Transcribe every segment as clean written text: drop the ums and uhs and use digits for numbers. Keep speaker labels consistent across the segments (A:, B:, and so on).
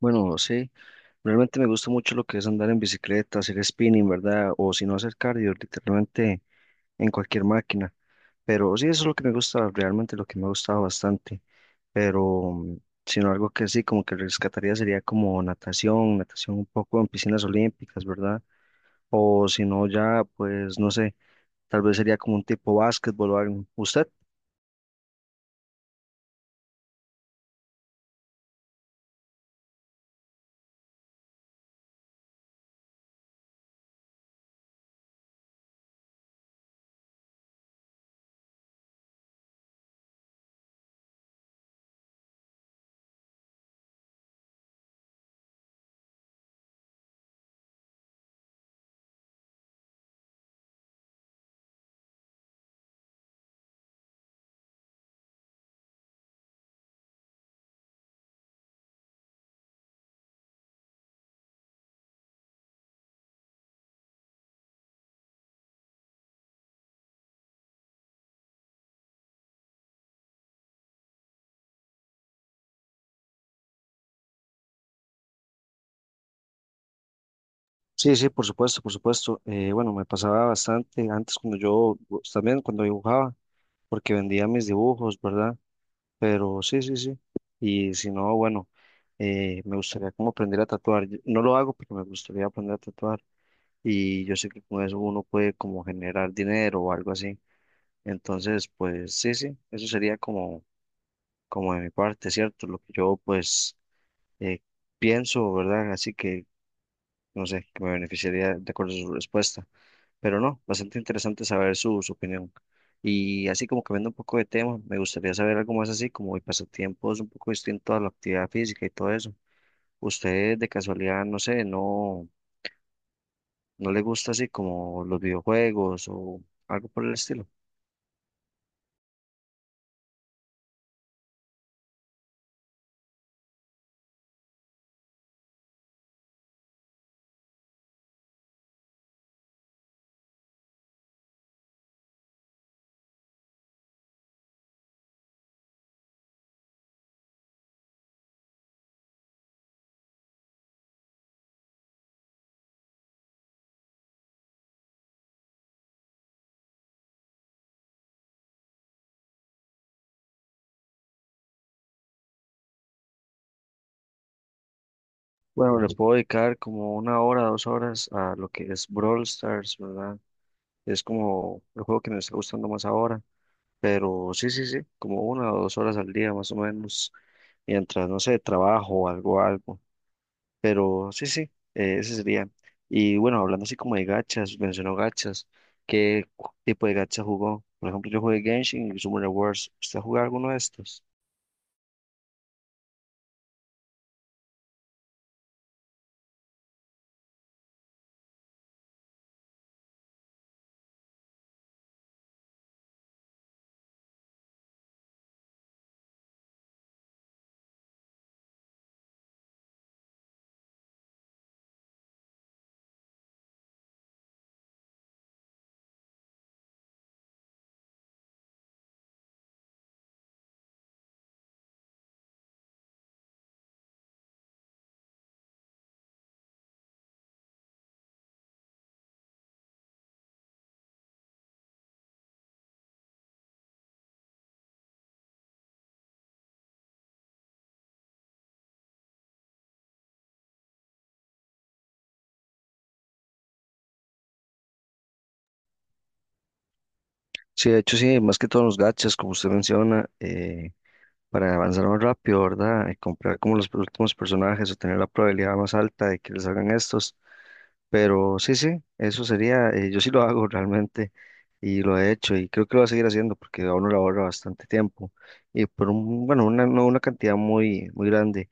A: Bueno, sí, realmente me gusta mucho lo que es andar en bicicleta, hacer spinning, ¿verdad? O si no hacer cardio, literalmente en cualquier máquina. Pero sí, eso es lo que me gusta, realmente lo que me ha gustado bastante. Pero, sino algo que sí, como que rescataría sería como natación, natación un poco en piscinas olímpicas, ¿verdad? O si no, ya, pues, no sé, tal vez sería como un tipo básquetbol o algo. ¿Usted? Sí, sí, por supuesto, por supuesto. Bueno, me pasaba bastante antes cuando yo, pues, también cuando dibujaba, porque vendía mis dibujos, ¿verdad? Pero sí, sí, sí. Y si no, bueno, me gustaría como aprender a tatuar. No lo hago, pero me gustaría aprender a tatuar. Y yo sé que con eso uno puede como generar dinero o algo así. Entonces, pues sí, sí, eso sería como, como de mi parte, ¿cierto? Lo que yo pues eh, pienso, ¿verdad? Así que, no sé, que me beneficiaría de acuerdo a su respuesta. Pero no, bastante interesante saber su opinión. Y así como cambiando un poco de tema, me gustaría saber algo más así, como mi pasatiempo es un poco distinto a la actividad física y todo eso. ¿Usted de casualidad, no sé, no le gusta así como los videojuegos o algo por el estilo? Bueno, le puedo dedicar como una hora, dos horas a lo que es Brawl Stars, ¿verdad? Es como el juego que me está gustando más ahora, pero sí, sí, sí, como una o dos horas al día más o menos, mientras, no sé, trabajo o algo, algo. Pero sí, sí, ese sería. Y bueno, hablando así como de gachas, mencionó gachas, ¿ tipo de gacha jugó? Por ejemplo, yo jugué Genshin y Summoner Wars. ¿Usted jugó alguno de estos? Sí, de hecho sí, más que todos los gachas, como usted menciona, para avanzar más rápido, ¿verdad? Y comprar como los últimos personajes o tener la probabilidad más alta de que les hagan estos. Pero sí, sí, eso sería, yo sí lo hago realmente y lo he hecho y creo que lo voy a seguir haciendo porque a uno le ahorra bastante tiempo y por un, bueno, una, no una cantidad muy, muy grande,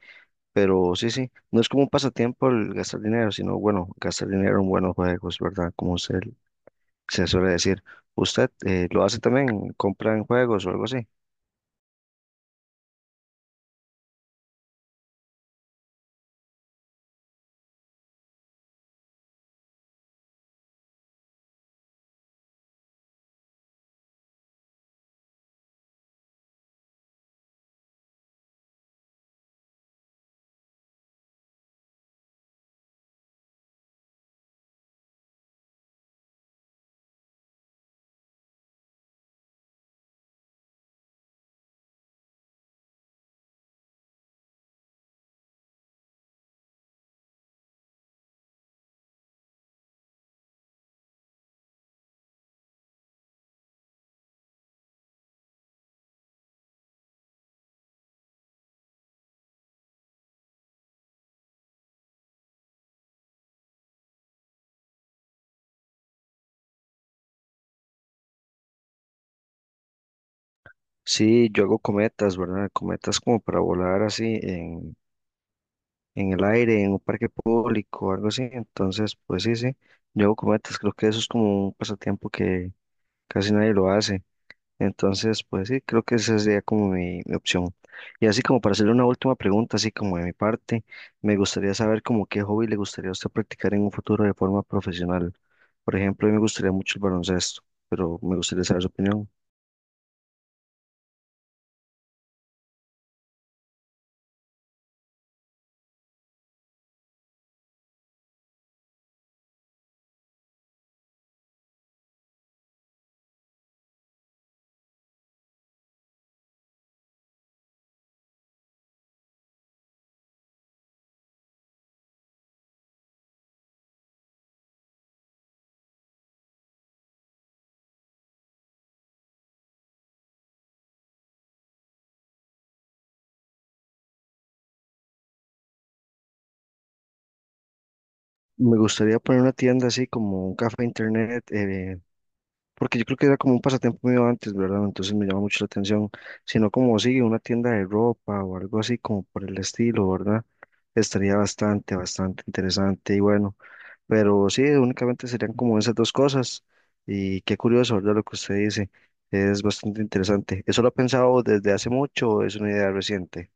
A: pero sí, sí, no es como un pasatiempo el gastar dinero, sino bueno, gastar dinero en buenos juegos, ¿verdad? Como usted se suele decir. ¿Usted lo hace también? ¿Compra en juegos o algo así? Sí, yo hago cometas, ¿verdad? Cometas como para volar así en el aire, en un parque público o algo así. Entonces, pues sí, sí, yo hago cometas, creo que eso es como un pasatiempo que casi nadie lo hace. Entonces, pues sí, creo que esa sería como mi opción. Y así como para hacerle una última pregunta, así como de mi parte, me gustaría saber como qué hobby le gustaría a usted practicar en un futuro de forma profesional. Por ejemplo, a mí me gustaría mucho el baloncesto, pero me gustaría saber su opinión. Me gustaría poner una tienda así como un café internet, porque yo creo que era como un pasatiempo mío antes, ¿verdad? Entonces me llama mucho la atención, sino como sigue una tienda de ropa o algo así como por el estilo, ¿verdad? Estaría bastante, bastante interesante y bueno, pero sí, únicamente serían como esas dos cosas y qué curioso, ¿verdad? Lo que usted dice es bastante interesante. ¿Eso lo ha pensado desde hace mucho o es una idea reciente?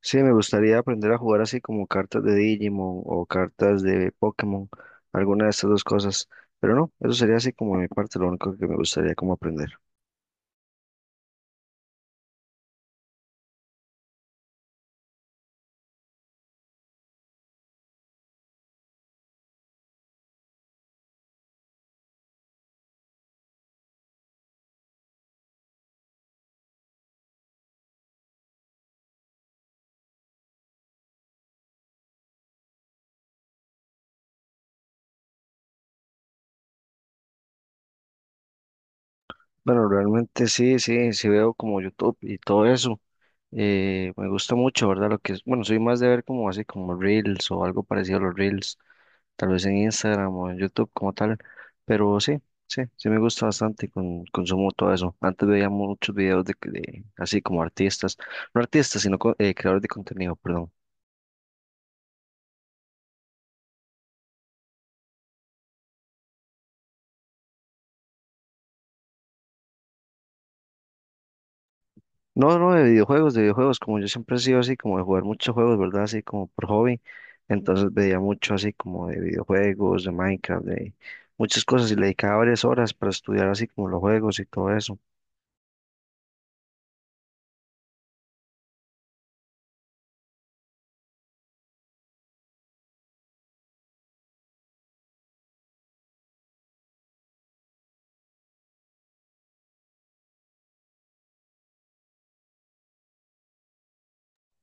A: Sí, me gustaría aprender a jugar así como cartas de Digimon o cartas de Pokémon, alguna de estas dos cosas. Pero no, eso sería así como de mi parte, lo único que me gustaría como aprender. Bueno, realmente sí, sí, sí veo como YouTube y todo eso. Me gusta mucho, ¿verdad? Lo que es, bueno, soy más de ver como así como Reels o algo parecido a los Reels, tal vez en Instagram o en YouTube como tal, pero sí, sí, sí me gusta bastante, consumo todo eso. Antes veía muchos videos de así como artistas, no artistas, sino creadores de contenido, perdón. No, no, de videojuegos, como yo siempre he sido así, como de jugar muchos juegos, ¿verdad? Así como por hobby, entonces veía mucho así como de videojuegos, de Minecraft, de muchas cosas y le dedicaba varias horas para estudiar así como los juegos y todo eso.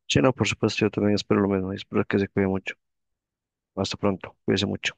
A: Sí, no, por supuesto, yo también espero lo mismo y espero que se cuide mucho. Hasta pronto, cuídese mucho.